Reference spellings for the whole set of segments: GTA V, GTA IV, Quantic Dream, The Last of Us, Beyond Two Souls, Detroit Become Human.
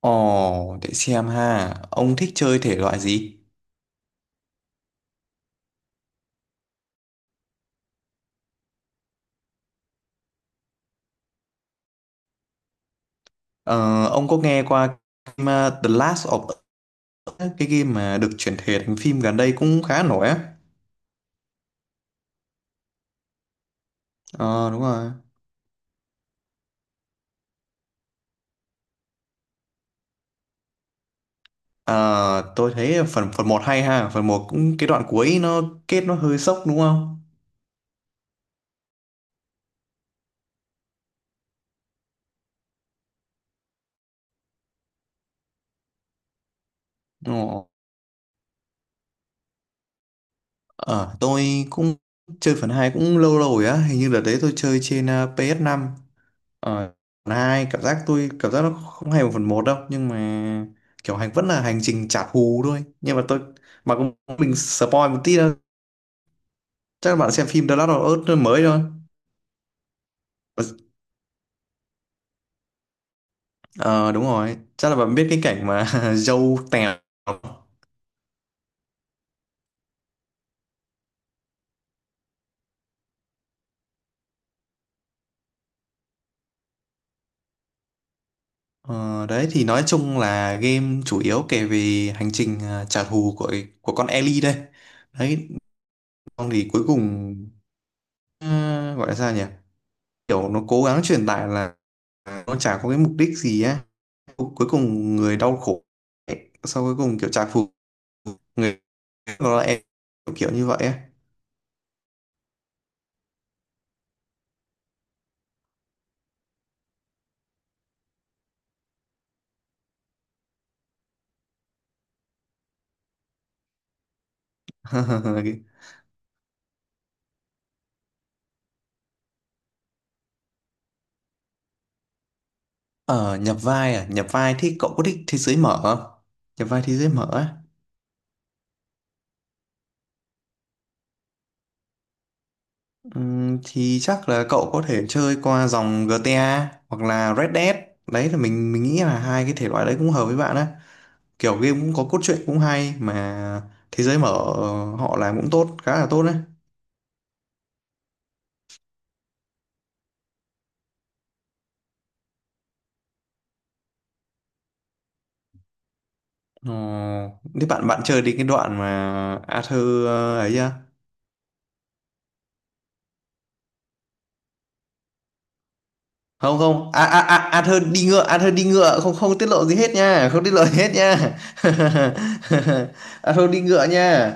Ồ, để xem ha. Ông thích chơi thể loại gì? Ờ, ông có nghe qua game, The Last of Us, ấy, cái game mà được chuyển thể thành phim gần đây cũng khá nổi á. Ờ, đúng rồi. Ờ, tôi thấy phần phần một hay ha. Phần một cũng cái đoạn cuối nó kết nó hơi sốc đúng không? Ồ, ờ, tôi cũng chơi phần 2 cũng lâu lâu rồi á. Hình như đợt đấy tôi chơi trên ps năm. Ờ, hai cảm giác tôi cảm giác nó không hay một phần một đâu, nhưng mà kiểu hành vẫn là hành trình trả thù thôi, nhưng mà tôi mà cũng mình spoil một tí đâu, chắc là bạn xem phim The Last of Us mới thôi. Ờ đúng rồi, chắc là bạn biết cái cảnh mà dâu tèo. Ờ, đấy thì nói chung là game chủ yếu kể về hành trình, à, trả thù của con Ellie đây đấy, xong thì cuối cùng ờ, gọi là sao nhỉ, kiểu nó cố gắng truyền tải là nó chả có cái mục đích gì á, cuối cùng người đau khổ ấy. Sau cuối cùng kiểu trả thù người đó là em, kiểu, kiểu như vậy ấy. Ờ nhập vai, à nhập vai thì cậu có thích thế giới mở không, nhập vai thế giới mở á. Thì chắc là cậu có thể chơi qua dòng GTA hoặc là Red Dead, đấy là mình nghĩ là hai cái thể loại đấy cũng hợp với bạn á, kiểu game cũng có cốt truyện cũng hay mà thế giới mở ờ, họ làm cũng tốt, khá là tốt đấy. Ờ, thế bạn bạn chơi đến cái đoạn mà Arthur ờ, ấy chưa? Không không, à à, a Athơn đi ngựa, Athơn đi ngựa, không không tiết lộ gì hết nha, không tiết lộ gì hết nha. Athơn đi ngựa nha.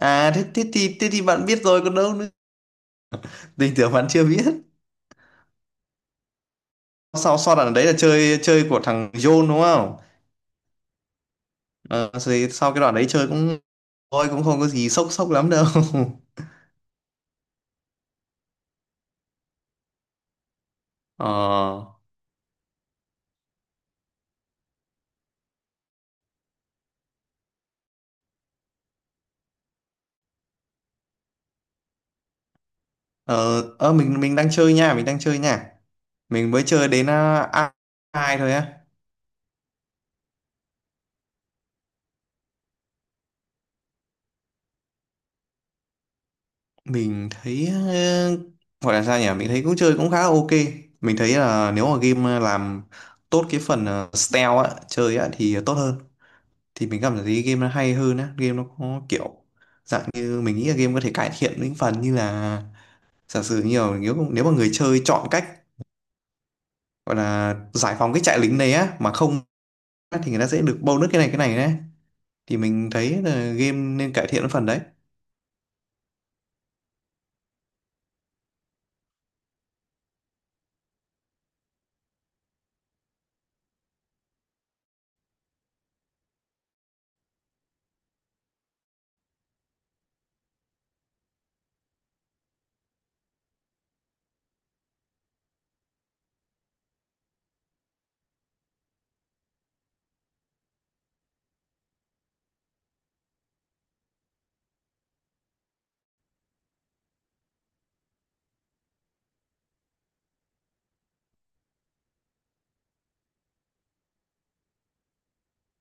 À thế, thế thì bạn biết rồi còn đâu nữa, tình tưởng bạn chưa biết. Sau sau đoạn đấy là chơi chơi của thằng John đúng không. Ờ, rồi sau cái đoạn đấy chơi cũng thôi, cũng không có gì sốc sốc lắm đâu. ờ ờ ờ, mình đang chơi nha, mình đang chơi nha. Mình mới chơi đến à, ai thôi á. Mình thấy ờ, gọi là sao nhỉ, mình thấy cũng chơi cũng khá là ok. Mình thấy là nếu mà game làm tốt cái phần ờ, stealth á chơi á thì tốt hơn, thì mình cảm thấy game nó hay hơn á, game nó có kiểu dạng như mình nghĩ là game có thể cải thiện những phần như là giả sử nhiều, nếu nếu mà người chơi chọn cách gọi là giải phóng cái trại lính đấy á mà không á, thì người ta sẽ được bonus cái này đấy, thì mình thấy là game nên cải thiện cái phần đấy.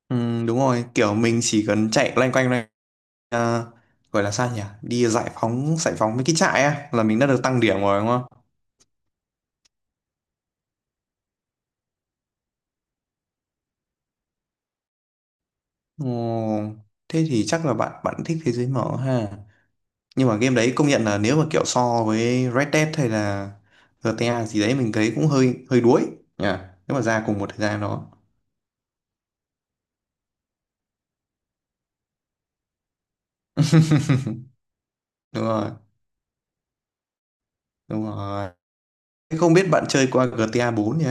Ừ, đúng rồi, kiểu mình chỉ cần chạy loanh quanh này à, gọi là sao nhỉ, đi giải phóng mấy cái trại á là mình đã được tăng điểm rồi đúng không. Ồ, thế thì chắc là bạn bạn thích thế giới mở ha, nhưng mà game đấy công nhận là nếu mà kiểu so với Red Dead hay là GTA gì đấy mình thấy cũng hơi hơi đuối nhỉ, nếu mà ra cùng một thời gian đó. Đúng rồi, đúng rồi. Thế không biết bạn chơi qua GTA bốn nhỉ,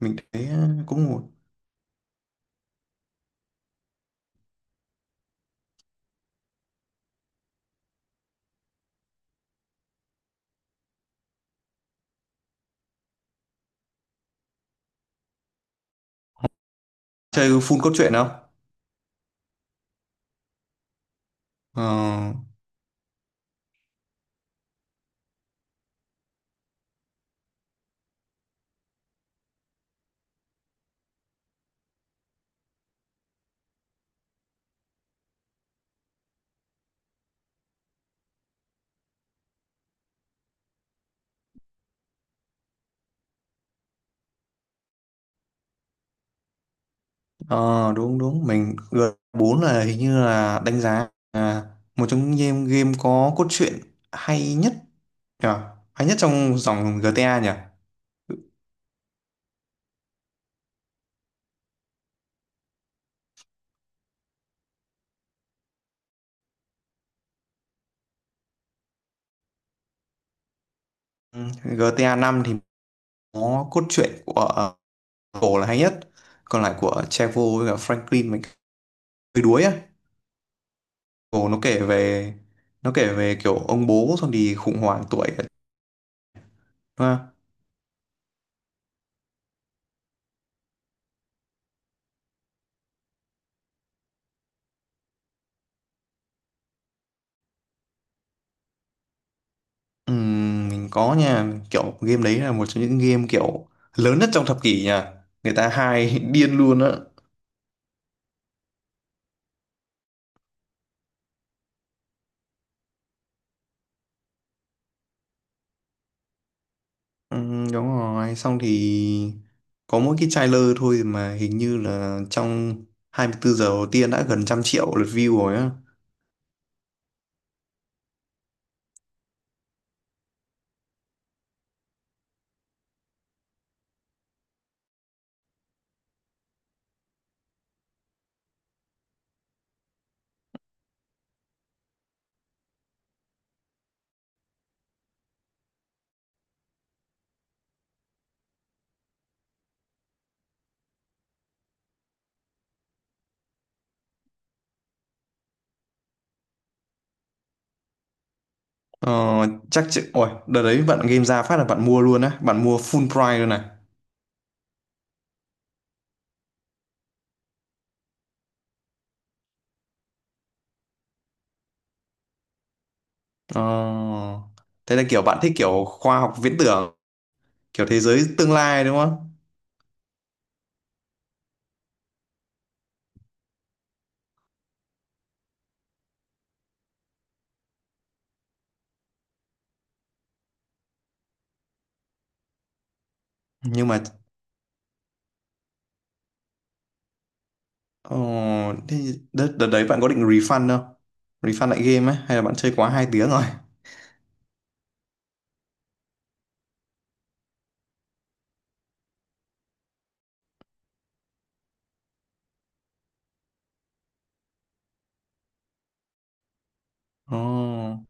mình thấy ờ, cũng một. Chơi full cốt truyện không? Ờ. Ờ đúng đúng, mình g bốn là hình như là đánh giá là một trong những game có cốt truyện hay nhất nhỉ? Hay nhất trong dòng GTA nhỉ? Ừ, GTA năm thì có cốt truyện của ờ, Cổ là hay nhất, còn lại của Trevor với cả Franklin mình hơi đuối á. Cổ nó kể về kiểu ông bố xong thì khủng hoảng tuổi đúng không? Ừ, mình có nha, kiểu game đấy là một trong những game kiểu lớn nhất trong thập kỷ nha, người ta hay điên luôn á. Ừ, đúng rồi xong thì có mỗi cái trailer thôi mà hình như là trong 24 giờ đầu tiên đã gần trăm triệu lượt view rồi á. Ờ, chắc chị ôi đợt đấy bạn game ra phát là bạn mua luôn á, bạn mua full price luôn này. Ờ, thế là kiểu bạn thích kiểu khoa học viễn tưởng, kiểu thế giới tương lai đúng không. Nhưng mà ờ, thế đợt đấy bạn có định refund không, refund lại game á hay là bạn chơi quá hai tiếng rồi. Ờ,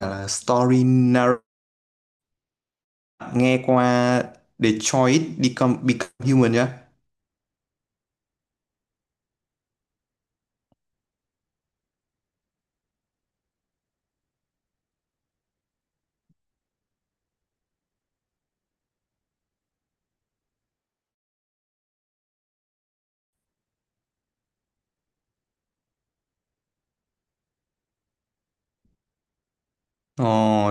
là story nghe qua Detroit Become Human nhá. Ờ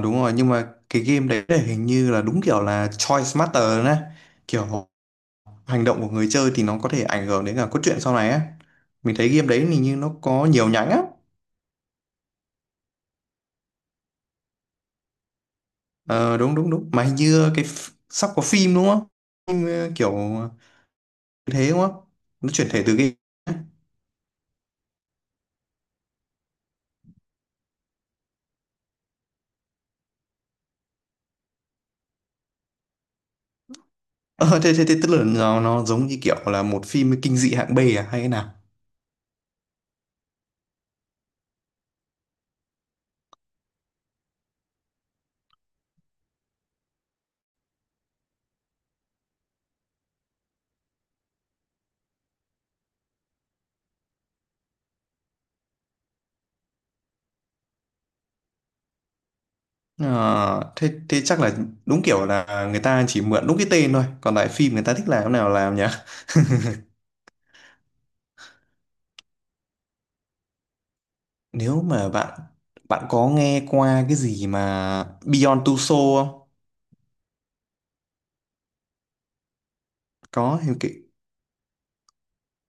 đúng rồi, nhưng mà cái game đấy là hình như là đúng kiểu là choice matter nè, kiểu hành động của người chơi thì nó có thể ảnh hưởng đến cả cốt truyện sau này á, mình thấy game đấy hình như nó có nhiều nhánh á. Ờ đúng đúng đúng, mà hình như cái sắp có phim đúng không, phim ờ, kiểu như thế đúng không, nó chuyển thể từ game. Ờ thế, thế tức là nó giống như kiểu là một phim kinh dị hạng B à hay thế nào. Ờ, thế, thế chắc là đúng kiểu là người ta chỉ mượn đúng cái tên thôi, còn lại phim người ta thích làm thế nào làm nhỉ. Nếu mà bạn bạn có nghe qua cái gì mà Beyond Two Souls không. Có thì cái,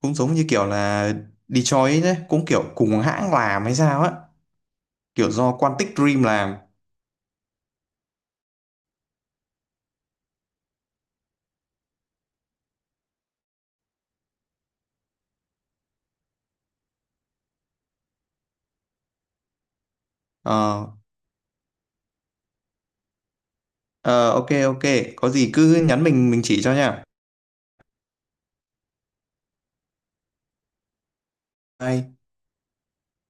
cũng giống như kiểu là Detroit đấy cũng kiểu cùng hãng làm hay sao á, kiểu do Quantic Dream làm. Ờ ờ, ok ok, có gì cứ nhắn mình chỉ cho nha. Bye.